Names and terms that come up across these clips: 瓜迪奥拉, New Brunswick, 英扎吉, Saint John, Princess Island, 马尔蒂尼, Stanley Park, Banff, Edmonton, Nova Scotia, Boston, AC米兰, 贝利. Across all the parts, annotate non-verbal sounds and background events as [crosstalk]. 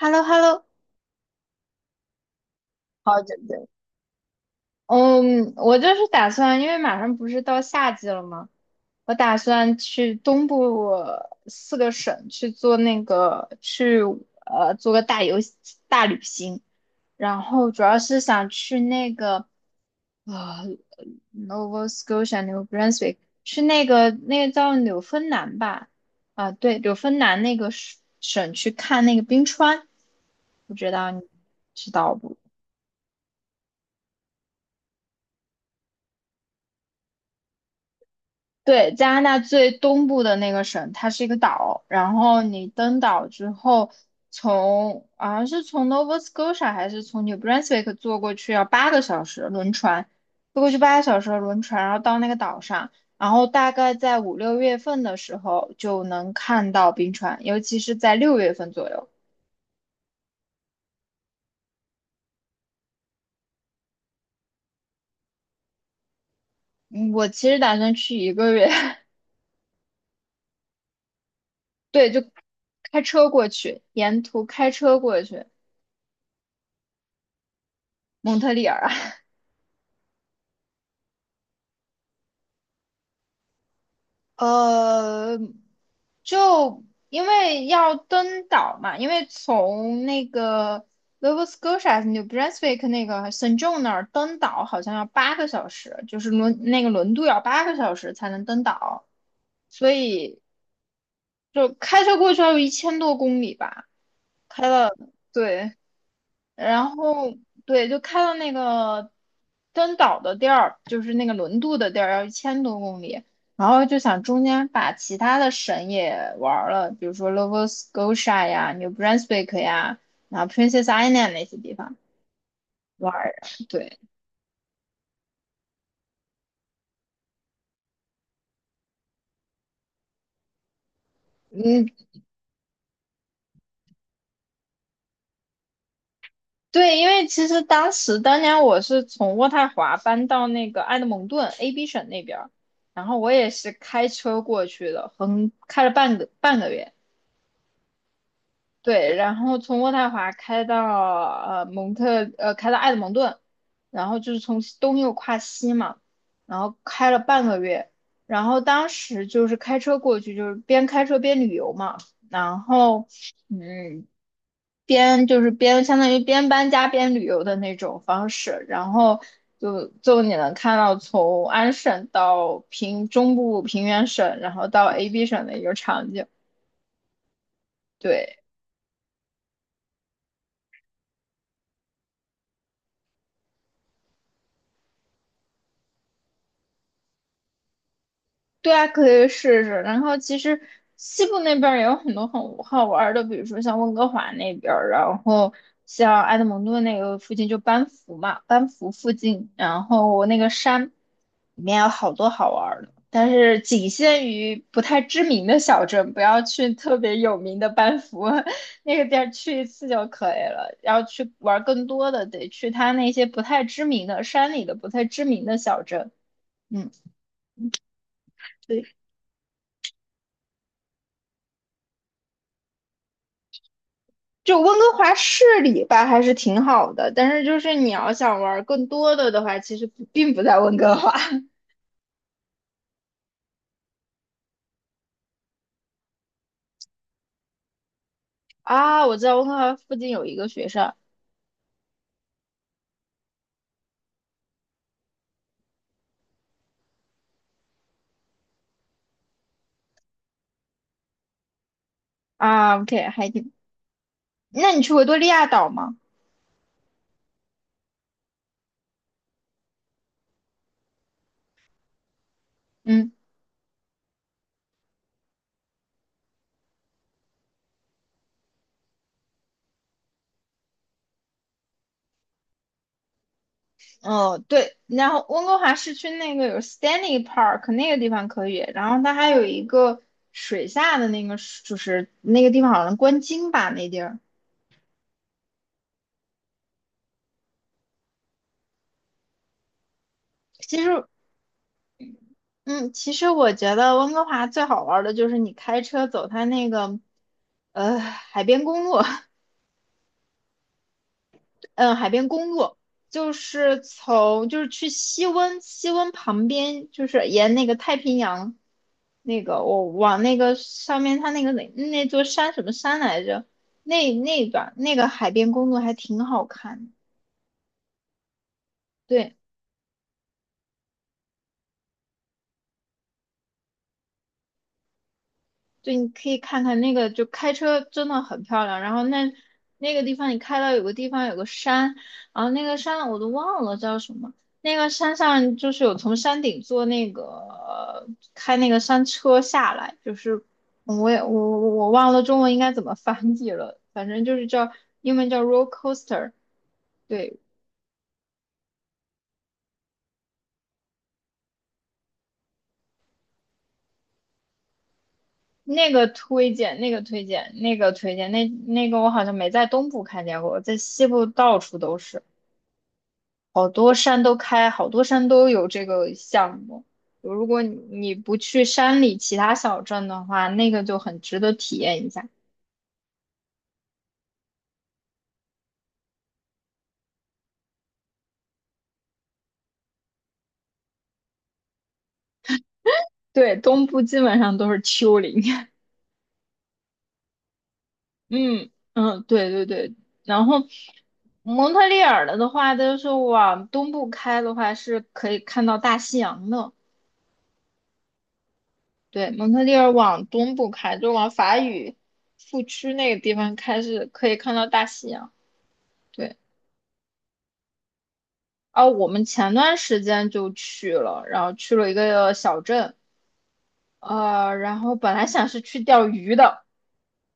h e l l o h e l l o 好久不见。嗯，我就是打算，因为马上不是到夏季了吗？我打算去东部四个省去做那个去做个大旅行，然后主要是想去那个呃 Nova Scotia New Brunswick 去那个叫纽芬兰吧？啊，对，纽芬兰那个省去看那个冰川，不知道你知道不？对，加拿大最东部的那个省，它是一个岛，然后你登岛之后从，好像是从 Nova Scotia 还是从 New Brunswick 坐过去要8个小时轮船，坐过去八个小时的轮船，然后到那个岛上，然后大概在五六月份的时候就能看到冰川，尤其是在六月份左右。嗯，我其实打算去1个月，[laughs] 对，就开车过去，沿途开车过去蒙特利尔。呃，就因为要登岛嘛，因为从那个 Nova Scotia New Brunswick 那个 Saint John 那儿登岛好像要8个小时，就是轮那个轮渡要八个小时才能登岛，所以就开车过去要有一千多公里吧，开了，对。然后对，就开到那个登岛的地儿，就是那个轮渡的地儿，要一千多公里。然后就想中间把其他的省也玩儿了，比如说 Nova Scotia 呀、New Brunswick 呀，然后 Princess Island 那些地方玩儿。对，嗯，对，因为其实当时当年我是从渥太华搬到那个埃德蒙顿 AB 省那边儿，然后我也是开车过去的，横开了半个月。对，然后从渥太华开到蒙特，开到埃德蒙顿，然后就是从西东又跨西嘛，然后开了半个月，然后当时就是开车过去，就是边开车边旅游嘛，然后嗯边就是边相当于边搬家边旅游的那种方式，然后就你能看到从安省到平中部平原省，然后到 AB 省的一个场景，对。对啊，可以试试。然后其实西部那边儿也有很多很好玩儿的，比如说像温哥华那边儿，然后像埃德蒙顿那个附近就班夫嘛，班夫附近，然后那个山里面有好多好玩儿的，但是仅限于不太知名的小镇，不要去特别有名的班夫 [laughs] 那个地儿去一次就可以了。要去玩儿更多的，得去它那些不太知名的山里的不太知名的小镇。嗯。对。就温哥华市里吧，还是挺好的，但是就是你要想玩更多的话，其实不并不在温哥华 [laughs] 啊。我知道温哥华附近有一个学校啊，OK，还挺。那你去维多利亚岛吗？嗯，哦，对，然后温哥华市区那个有 Stanley Park 那个地方可以，然后它还有一个水下的那个，就是那个地方好像观鲸吧，那地儿。其实嗯，其实我觉得温哥华最好玩儿的就是你开车走它那个，海边公路，[laughs] 嗯，海边公路，就是从就是去西温，西温旁边就是沿那个太平洋，那个我往那个上面它那个那座山什么山来着？那一段那个海边公路还挺好看的。对。对，你可以看看那个，就开车真的很漂亮。然后那那个地方，你开到有个地方有个山，然后那个山我都忘了叫什么。那个山上就是有从山顶坐那个开那个山车下来，就是我也我我我忘了中文应该怎么翻译了，反正就是英文叫 roller coaster。对，那个推荐，那个推荐，那个推荐，那个我好像没在东部看见过，在西部到处都是。好多山都开，好多山都有这个项目。如果你不去山里其他小镇的话，那个就很值得体验一下。对，东部基本上都是丘陵。[laughs] 嗯，对对对。然后蒙特利尔的话，就是往东部开的话，是可以看到大西洋的。对，蒙特利尔往东部开，就往法语副区那个地方开，是可以看到大西洋。对。啊，我们前段时间就去了，然后去了一个小镇，然后本来想是去钓鱼的，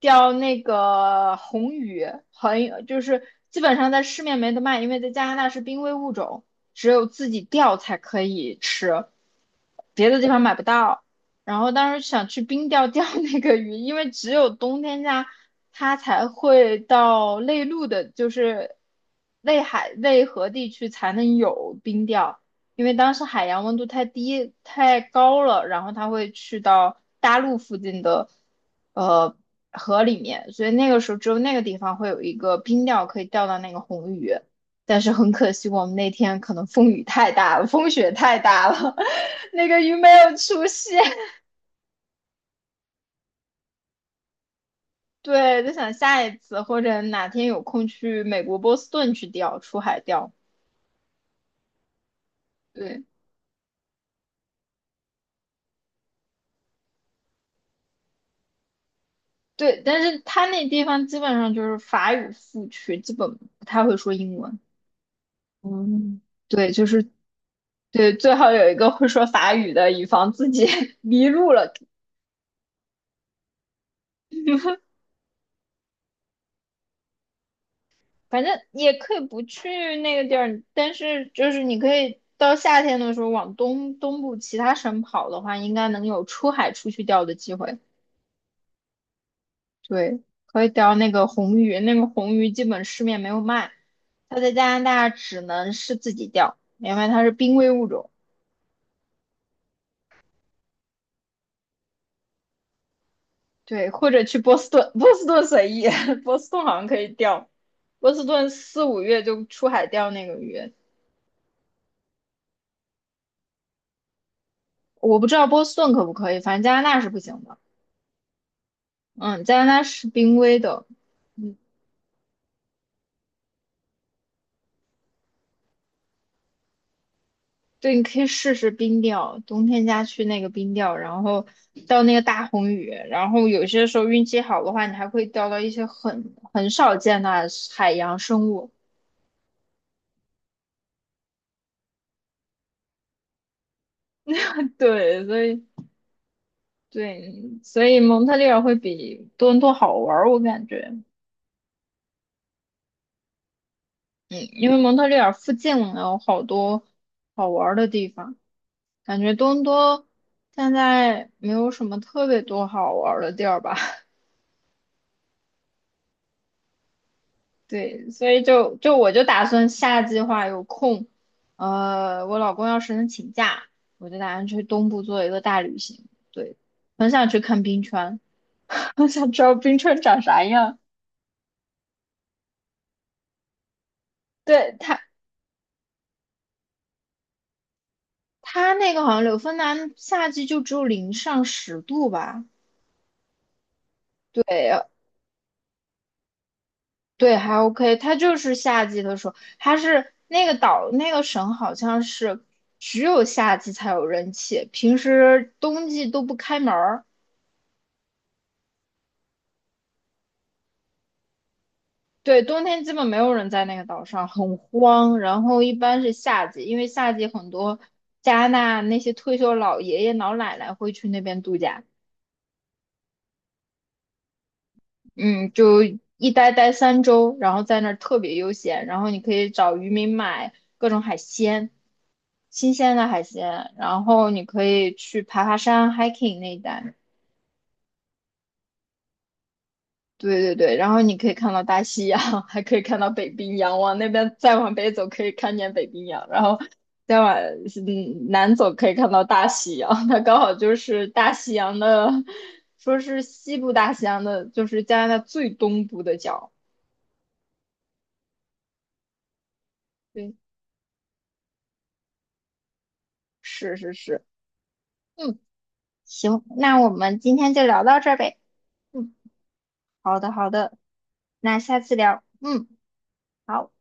钓那个红鱼，很就是基本上在市面没得卖，因为在加拿大是濒危物种，只有自己钓才可以吃，别的地方买不到。然后当时想去冰钓钓 [laughs] 那个鱼，因为只有冬天家它才会到内陆的，就是内海内河地区才能有冰钓。因为当时海洋温度太低太高了，然后它会去到大陆附近的呃河里面，所以那个时候只有那个地方会有一个冰钓可以钓到那个红鱼。但是很可惜，我们那天可能风雨太大了，风雪太大了，[laughs] 那个鱼没有出现。[laughs] 对，就想下一次或者哪天有空去美国波士顿去钓，出海钓。对对，但是他那地方基本上就是法语副区，基本不太会说英文。嗯，对，对，最好有一个会说法语的，以防自己 [laughs] 迷路了。反正也可以不去那个地儿，但是就是你可以到夏天的时候往东部其他省跑的话，应该能有出海出去钓的机会。对，可以钓那个红鱼，那个红鱼基本市面没有卖，它在加拿大只能是自己钓，因为它是濒危物种。对，或者去波士顿，波士顿随意，[laughs] 波士顿好像可以钓，波士顿四五月就出海钓那个鱼，我不知道波士顿可不可以，反正加拿大是不行的。嗯，加拿大是濒危的，对，你可以试试冰钓，冬天家去那个冰钓，然后钓那个大红鱼，然后有些时候运气好的话，你还会钓到一些很少见的海洋生物。[laughs] 对，对，所以蒙特利尔会比多伦多好玩儿，我感觉。嗯，因为蒙特利尔附近有好多好玩儿的地方，感觉东多现在没有什么特别多好玩儿的地儿吧。[laughs] 对，所以我就打算下计划有空，我老公要是能请假，我就打算去东部做一个大旅行。对，很想去看冰川，[laughs] 很想知道冰川长啥样。对，它那个好像柳芬兰夏季就只有零上10度吧。对，对，还 OK，它就是夏季的时候，它是那个岛那个省好像是只有夏季才有人气，平时冬季都不开门儿。对，冬天基本没有人在那个岛上，很荒。然后一般是夏季，因为夏季很多加拿大那些退休老爷爷老奶奶会去那边度假。嗯，就待3周，然后在那儿特别悠闲，然后你可以找渔民买各种海鲜，新鲜的海鲜，然后你可以去爬爬山，hiking 那一带。对对对，然后你可以看到大西洋，[laughs] 还可以看到北冰洋，往那边再往北走可以看见北冰洋，然后再往南走可以看到大西洋，[laughs] 它刚好就是大西洋的，说是西部大西洋的，就是加拿大最东部的角。对，是是是。嗯，行，那我们今天就聊到这儿呗。嗯，好的，好的，那下次聊。嗯，好。